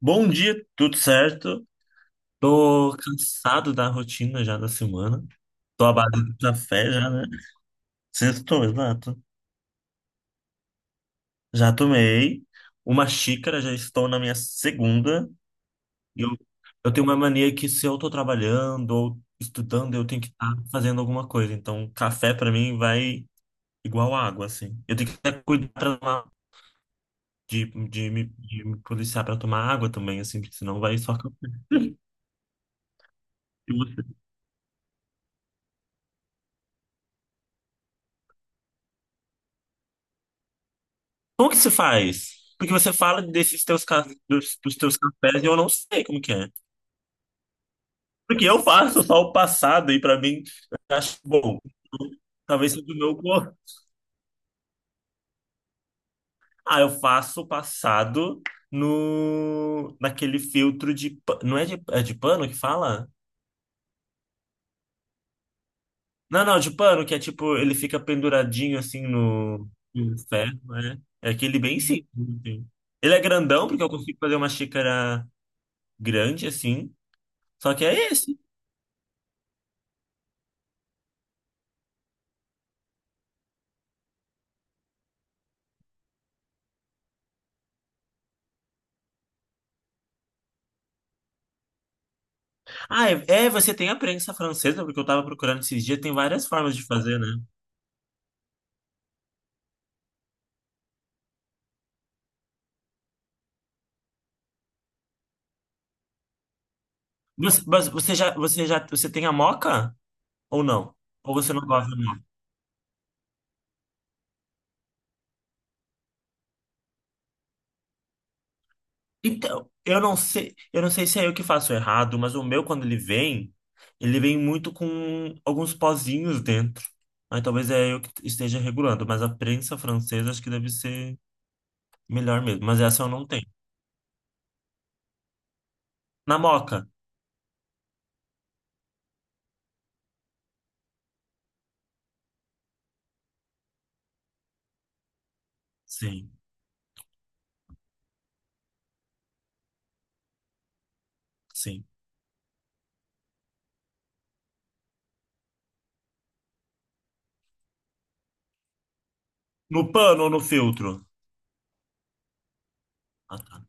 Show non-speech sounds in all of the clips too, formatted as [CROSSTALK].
Bom dia, tudo certo? Tô cansado da rotina já da semana. Tô à base de café já, né? Sextou, exato. Já tomei uma xícara, já estou na minha segunda. E eu, eu tenho uma mania que se eu tô trabalhando ou estudando, eu tenho que estar fazendo alguma coisa. Então, café pra mim vai igual água, assim. Eu tenho que até cuidar pra tomar, de me policiar pra tomar água também, assim, porque senão vai só café. Como que se faz? Porque você fala desses teus, dos teus cafés e eu não sei como que é. Porque eu faço só o passado e pra mim eu acho bom. Talvez seja o meu gosto. Ah, eu faço o passado no naquele filtro de não é de, é de pano que fala? Não, não, de pano que é tipo ele fica penduradinho assim no, no ferro, né? É aquele bem simples assim. Ele é grandão porque eu consigo fazer uma xícara grande assim. Só que é esse. Ah, é, é, você tem a prensa francesa, porque eu tava procurando esses dias, tem várias formas de fazer, né? Mas você tem a moca ou não? Ou você não gosta da moca? Então, eu não sei se é eu que faço errado, mas o meu quando ele vem muito com alguns pozinhos dentro. Aí talvez é eu que esteja regulando, mas a prensa francesa acho que deve ser melhor mesmo, mas essa eu não tenho. Na moca? Sim, sim. No pano ou no filtro? Ah,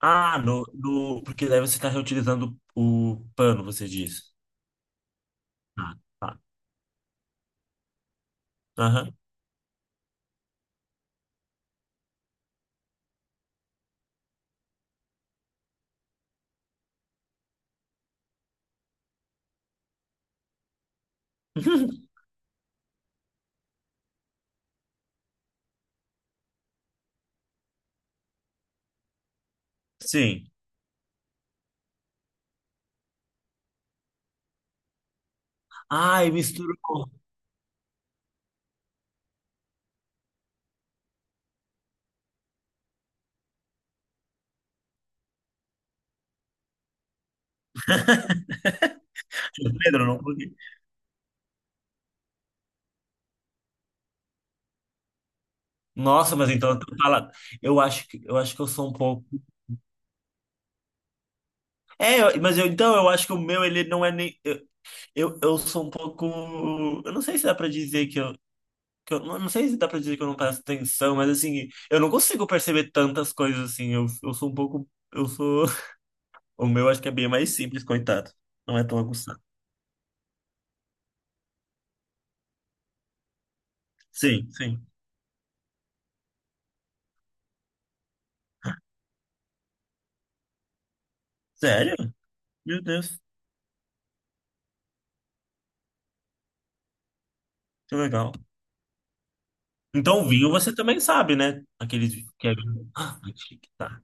ah, no, no, porque daí você está reutilizando o pano, você diz. Ah, tá. Aham. [LAUGHS] Sim. Ai, misturou. Pedro, não consegui. Nossa, mas então eu tô falando. Eu acho que eu sou um pouco. É, mas eu, então eu acho que o meu ele não é nem eu, eu sou um pouco. Eu não sei se dá pra dizer que eu não sei se dá pra dizer que eu não presto atenção, mas assim eu não consigo perceber tantas coisas assim. Eu sou um pouco. Eu sou. [LAUGHS] O meu acho que é bem mais simples, coitado. Não é tão aguçado. Sim, sim. Sério? Meu Deus, que legal. Então, vinho você também sabe, né? Aqueles que é vinho. Ah, chique, tá.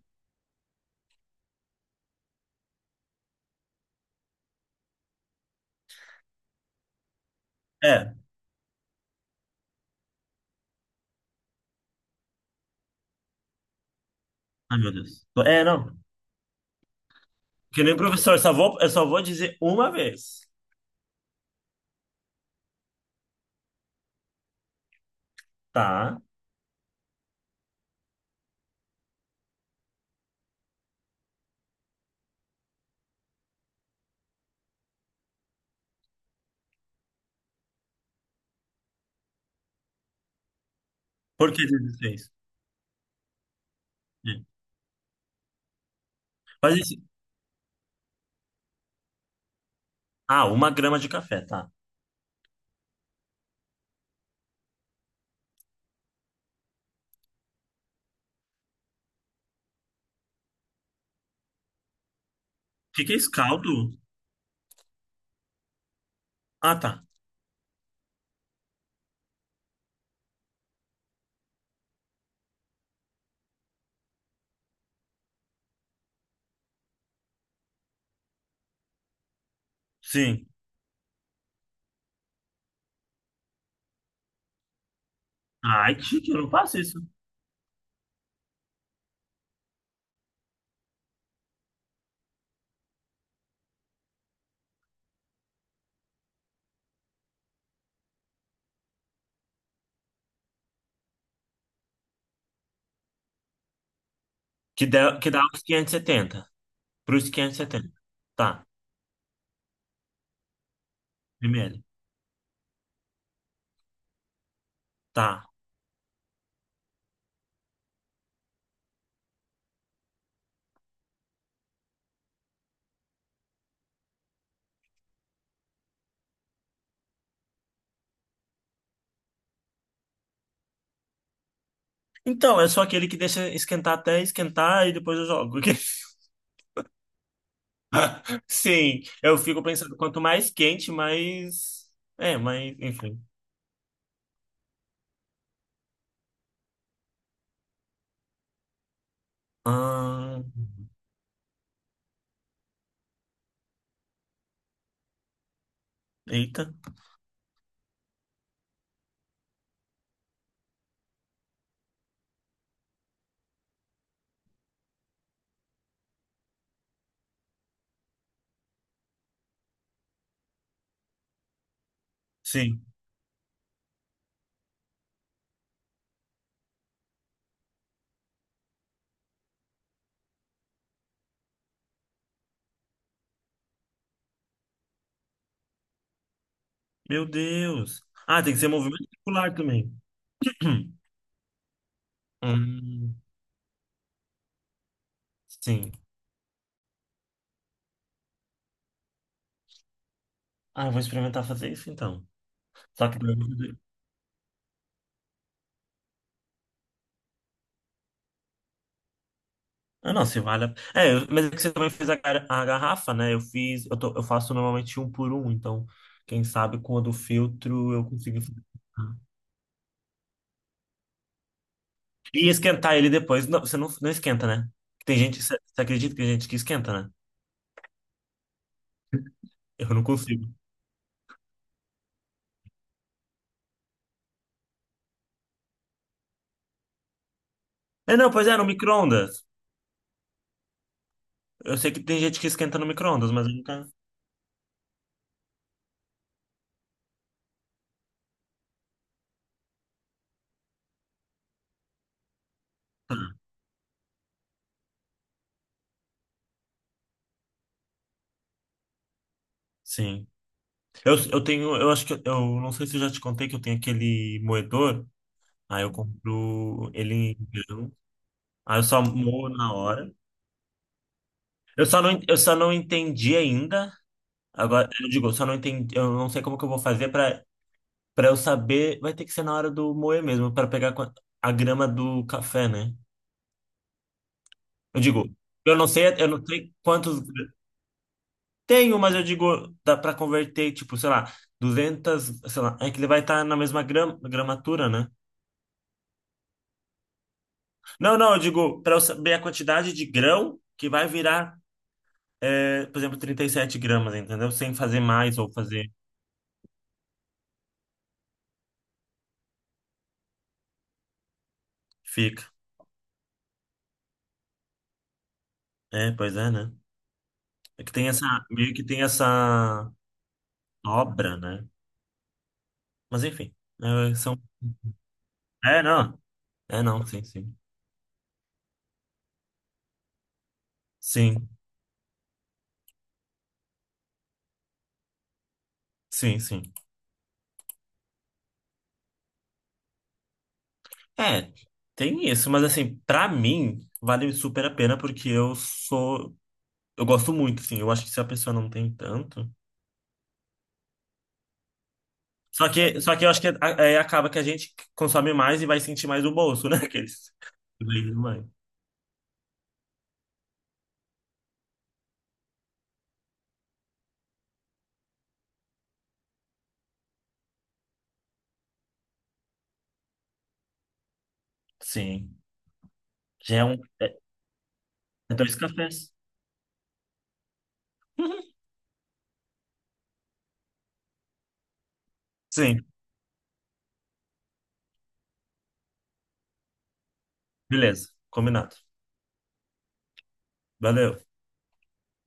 É. Ai, meu Deus. É, não. Que nem professor, eu só vou dizer uma vez, tá? Por que 16? É. Mas esse... Ah, uma grama de café, tá. O que que é isso? Caldo? Ah, tá. Sim. Ai, que chique, eu não faço isso. Que dá os setenta. Para os quinhentos e setenta. Tá. Primeiro. Tá. Então, eu sou aquele que deixa esquentar até esquentar e depois eu jogo. [LAUGHS] Sim, eu fico pensando, quanto mais quente, mais. É, mais. Enfim. Ah, eita. Sim. Meu Deus. Ah, tem que ser movimento circular também. [CLEARS THROAT] Hum, sim. Ah, eu vou experimentar fazer isso então. Só que, daí eu vou fazer- ah, não, se vale. É, mas é que você também fez a, a garrafa, né? Eu fiz. Eu, eu faço normalmente um por um, então. Quem sabe quando filtro eu consigo fazer. E esquentar ele depois. Não, você não, não esquenta, né? Tem gente. Você acredita que tem gente que esquenta, né? Eu não consigo. É, não, pois é, no micro-ondas. Eu sei que tem gente que esquenta no micro-ondas, mas eu nunca. Sim. Eu tenho. Eu acho que. Eu não sei se eu já te contei que eu tenho aquele moedor. Aí eu compro ele em grão. Aí eu só moo na hora. Eu só não, eu só não entendi ainda. Agora, eu digo, eu só não entendi. Eu não sei como que eu vou fazer pra, pra eu saber. Vai ter que ser na hora do moer mesmo, pra pegar com a grama do café, né? Eu digo, eu não sei quantos tenho, mas eu digo, dá para converter, tipo, sei lá, 200, sei lá, é que ele vai estar na mesma gramatura, né? Não, não, eu digo, para eu saber a quantidade de grão que vai virar, é, por exemplo, 37 gramas, entendeu? Sem fazer mais ou fazer, fica. É, pois é, né? É que tem essa, meio que tem essa obra, né? Mas enfim, é, são, é, não, é, não, sim, sim. Sim, sim, sim. É, tem isso, mas assim, pra mim, vale super a pena porque eu sou. Eu gosto muito, assim. Eu acho que se a pessoa não tem tanto. Só que eu acho que é, é, acaba que a gente consome mais e vai sentir mais o bolso, né? [LAUGHS] Aqueles. Leite do mãe. Sim. Já é um. É, é dois cafés. [LAUGHS] Sim, beleza. Combinado. Valeu.